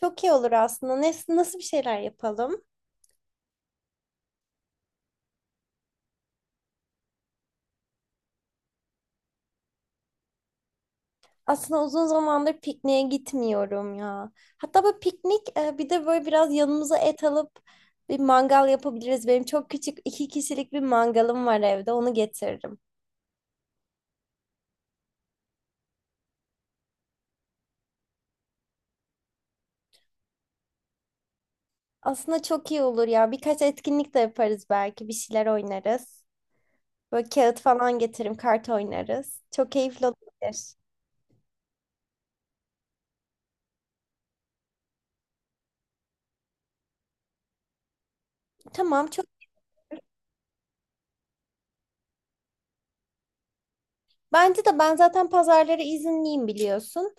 Çok iyi olur aslında. Nasıl bir şeyler yapalım? Aslında uzun zamandır pikniğe gitmiyorum ya. Hatta böyle piknik bir de böyle biraz yanımıza et alıp bir mangal yapabiliriz. Benim çok küçük iki kişilik bir mangalım var evde. Onu getiririm. Aslında çok iyi olur ya. Birkaç etkinlik de yaparız belki. Bir şeyler oynarız. Böyle kağıt falan getiririm. Kart oynarız. Çok keyifli olabilir. Tamam, çok. Bence de ben zaten pazarları izinliyim biliyorsun.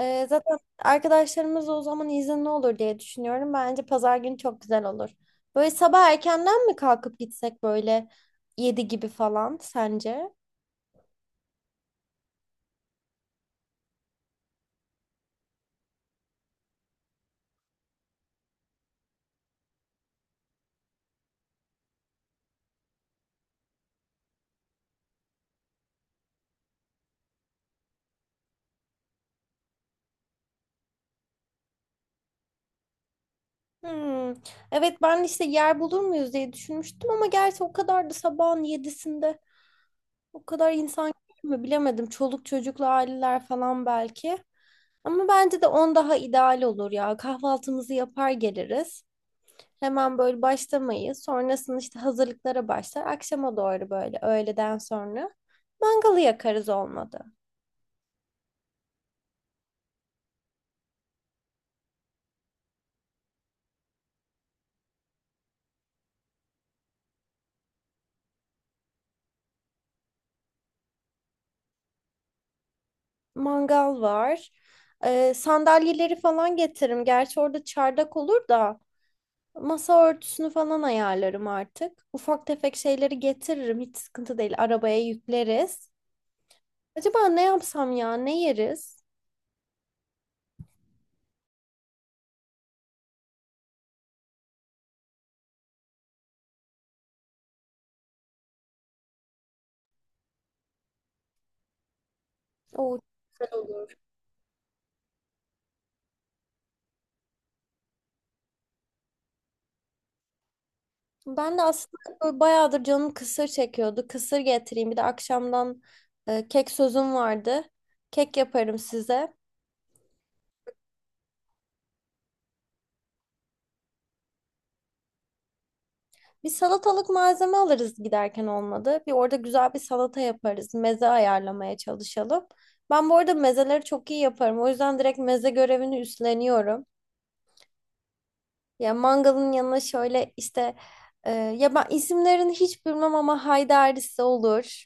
Zaten arkadaşlarımız da o zaman izinli olur diye düşünüyorum. Bence pazar günü çok güzel olur. Böyle sabah erkenden mi kalkıp gitsek böyle 7 gibi falan sence? Hmm. Evet, ben işte yer bulur muyuz diye düşünmüştüm ama gerçi o kadar da sabahın yedisinde. O kadar insan mü bilemedim. Çoluk çocuklu aileler falan belki. Ama bence de on daha ideal olur ya. Kahvaltımızı yapar geliriz. Hemen böyle başlamayız. Sonrasında işte hazırlıklara başlar. Akşama doğru böyle öğleden sonra mangalı yakarız olmadı. Mangal var. Sandalyeleri falan getiririm. Gerçi orada çardak olur da masa örtüsünü falan ayarlarım artık. Ufak tefek şeyleri getiririm. Hiç sıkıntı değil. Arabaya yükleriz. Acaba ne yapsam ya? Ne yeriz? O güzel olur. Ben de aslında böyle bayağıdır canım kısır çekiyordu. Kısır getireyim. Bir de akşamdan kek sözüm vardı. Kek yaparım size. Bir salatalık malzeme alırız giderken olmadı. Bir orada güzel bir salata yaparız. Meze ayarlamaya çalışalım. Ben bu arada mezeleri çok iyi yaparım. O yüzden direkt meze görevini üstleniyorum. Ya mangalın yanına şöyle işte ya ben isimlerini hiç bilmem ama haydarisi olur.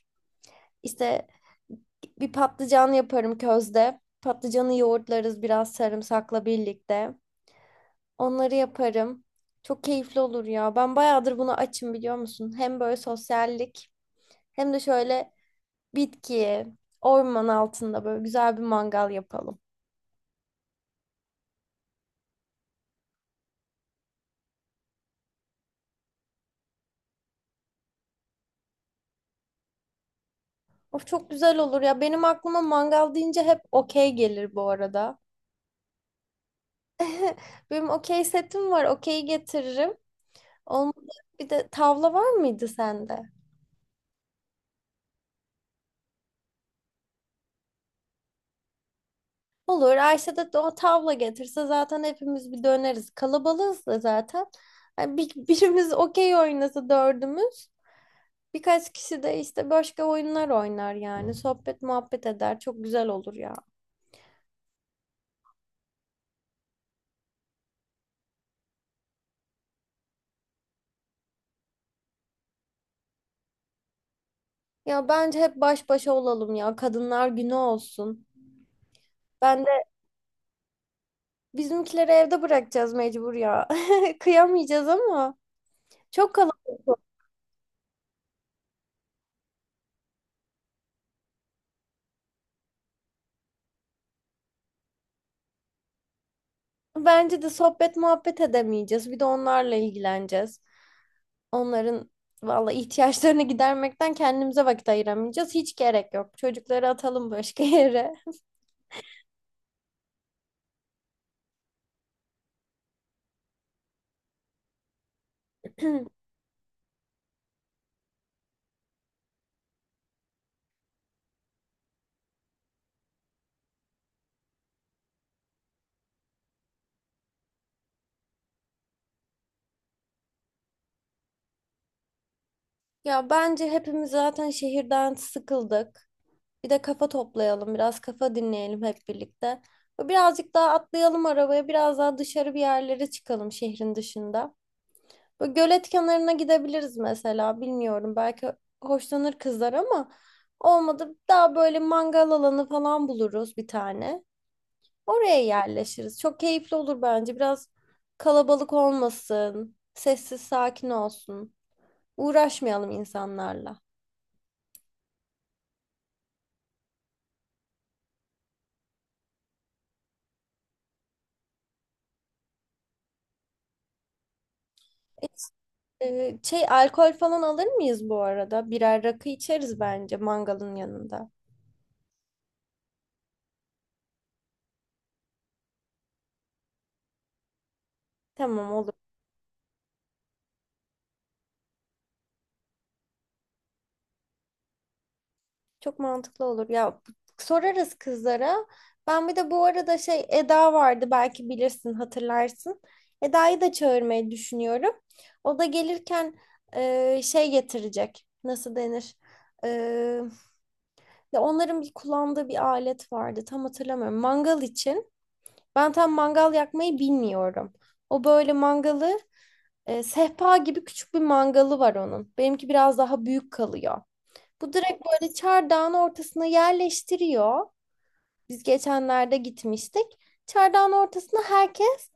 İşte bir patlıcan yaparım közde. Patlıcanı yoğurtlarız biraz sarımsakla birlikte. Onları yaparım. Çok keyifli olur ya. Ben bayağıdır bunu açım biliyor musun? Hem böyle sosyallik hem de şöyle bitki, orman altında böyle güzel bir mangal yapalım. Of çok güzel olur ya. Benim aklıma mangal deyince hep okey gelir bu arada. Benim okey setim var. Okey getiririm. Olmadı. Bir de tavla var mıydı sende? Olur. Ayşe de o tavla getirse zaten hepimiz bir döneriz. Kalabalığız da zaten. Yani bir, birimiz okey oynasa dördümüz. Birkaç kişi de işte başka oyunlar oynar yani. Sohbet muhabbet eder. Çok güzel olur ya. Ya bence hep baş başa olalım ya. Kadınlar günü olsun. Ben de bizimkileri evde bırakacağız mecbur ya. Kıyamayacağız ama çok kalabalık olur. Bence de sohbet muhabbet edemeyeceğiz. Bir de onlarla ilgileneceğiz. Onların valla ihtiyaçlarını gidermekten kendimize vakit ayıramayacağız. Hiç gerek yok. Çocukları atalım başka yere. Ya bence hepimiz zaten şehirden sıkıldık. Bir de kafa toplayalım, biraz kafa dinleyelim hep birlikte. Birazcık daha atlayalım arabaya, biraz daha dışarı bir yerlere çıkalım şehrin dışında. Böyle gölet kenarına gidebiliriz mesela. Bilmiyorum, belki hoşlanır kızlar ama olmadı daha böyle mangal alanı falan buluruz bir tane. Oraya yerleşiriz. Çok keyifli olur bence. Biraz kalabalık olmasın. Sessiz sakin olsun. Uğraşmayalım insanlarla. Şey alkol falan alır mıyız bu arada? Birer rakı içeriz bence mangalın yanında. Tamam, olur. Çok mantıklı olur. Ya sorarız kızlara. Ben bir de bu arada şey Eda vardı, belki bilirsin hatırlarsın. Eda'yı da çağırmayı düşünüyorum. O da gelirken şey getirecek. Nasıl denir? E, Ya onların bir kullandığı bir alet vardı. Tam hatırlamıyorum. Mangal için. Ben tam mangal yakmayı bilmiyorum. O böyle mangalı sehpa gibi küçük bir mangalı var onun. Benimki biraz daha büyük kalıyor. Bu direkt böyle çardağın ortasına yerleştiriyor. Biz geçenlerde gitmiştik. Çardağın ortasına herkes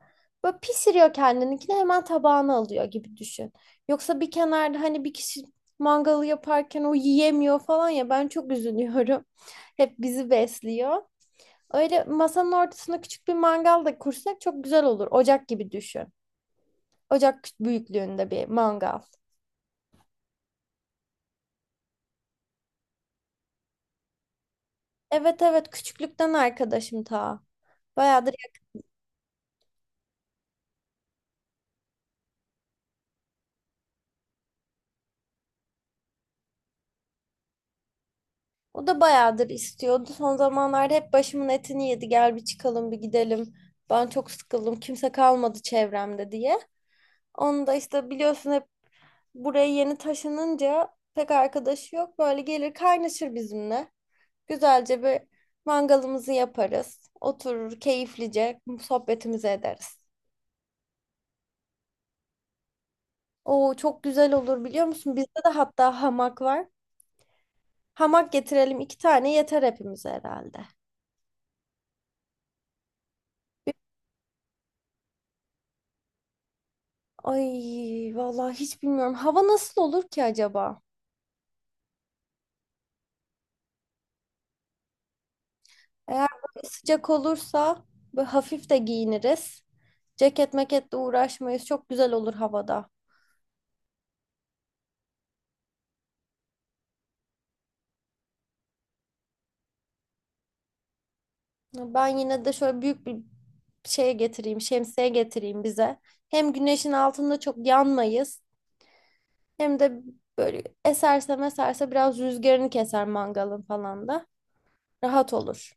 böyle pişiriyor, kendininkini hemen tabağına alıyor gibi düşün. Yoksa bir kenarda hani bir kişi mangalı yaparken o yiyemiyor falan ya ben çok üzülüyorum. Hep bizi besliyor. Öyle masanın ortasına küçük bir mangal da kursak çok güzel olur. Ocak gibi düşün. Ocak büyüklüğünde bir mangal. Evet, evet, küçüklükten arkadaşım ta. Bayağıdır. O da bayağıdır istiyordu. Son zamanlarda hep başımın etini yedi. Gel bir çıkalım bir gidelim. Ben çok sıkıldım. Kimse kalmadı çevremde diye. Onu da işte biliyorsun hep buraya yeni taşınınca pek arkadaşı yok. Böyle gelir kaynaşır bizimle. Güzelce bir mangalımızı yaparız. Oturur keyiflice sohbetimizi ederiz. Oo çok güzel olur biliyor musun? Bizde de hatta hamak var. Hamak getirelim, iki tane yeter hepimize herhalde. Ay vallahi hiç bilmiyorum. Hava nasıl olur ki acaba? Eğer böyle sıcak olursa böyle hafif de giyiniriz. Ceket meketle uğraşmayız. Çok güzel olur havada. Ben yine de şöyle büyük bir şeye getireyim, şemsiye getireyim bize. Hem güneşin altında çok yanmayız. Hem de böyle eserse meserse biraz rüzgarını keser mangalın falan da. Rahat olur.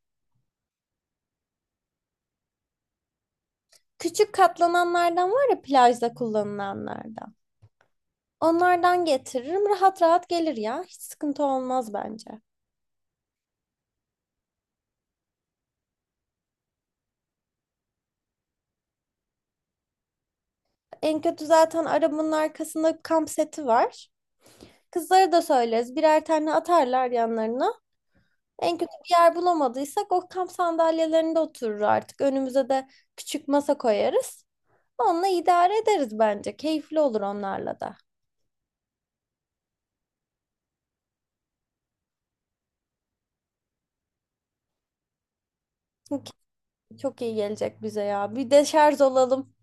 Küçük katlananlardan var ya plajda kullanılanlardan. Onlardan getiririm. Rahat rahat gelir ya. Hiç sıkıntı olmaz bence. En kötü zaten arabanın arkasında kamp seti var. Kızlara da söyleriz. Birer tane atarlar yanlarına. En kötü bir yer bulamadıysak o kamp sandalyelerinde oturur artık. Önümüze de küçük masa koyarız. Onunla idare ederiz bence. Keyifli olur onlarla da. Çünkü çok iyi gelecek bize ya. Bir de şarj olalım.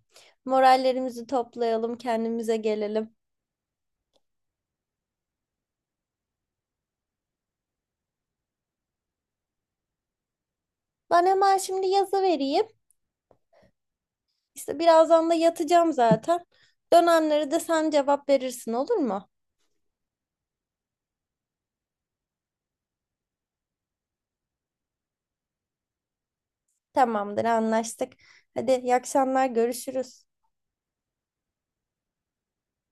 Morallerimizi toplayalım. Kendimize gelelim. Ben hemen şimdi yazı vereyim. İşte birazdan da yatacağım zaten. Dönenlere de sen cevap verirsin olur mu? Tamamdır, anlaştık. Hadi iyi akşamlar, görüşürüz.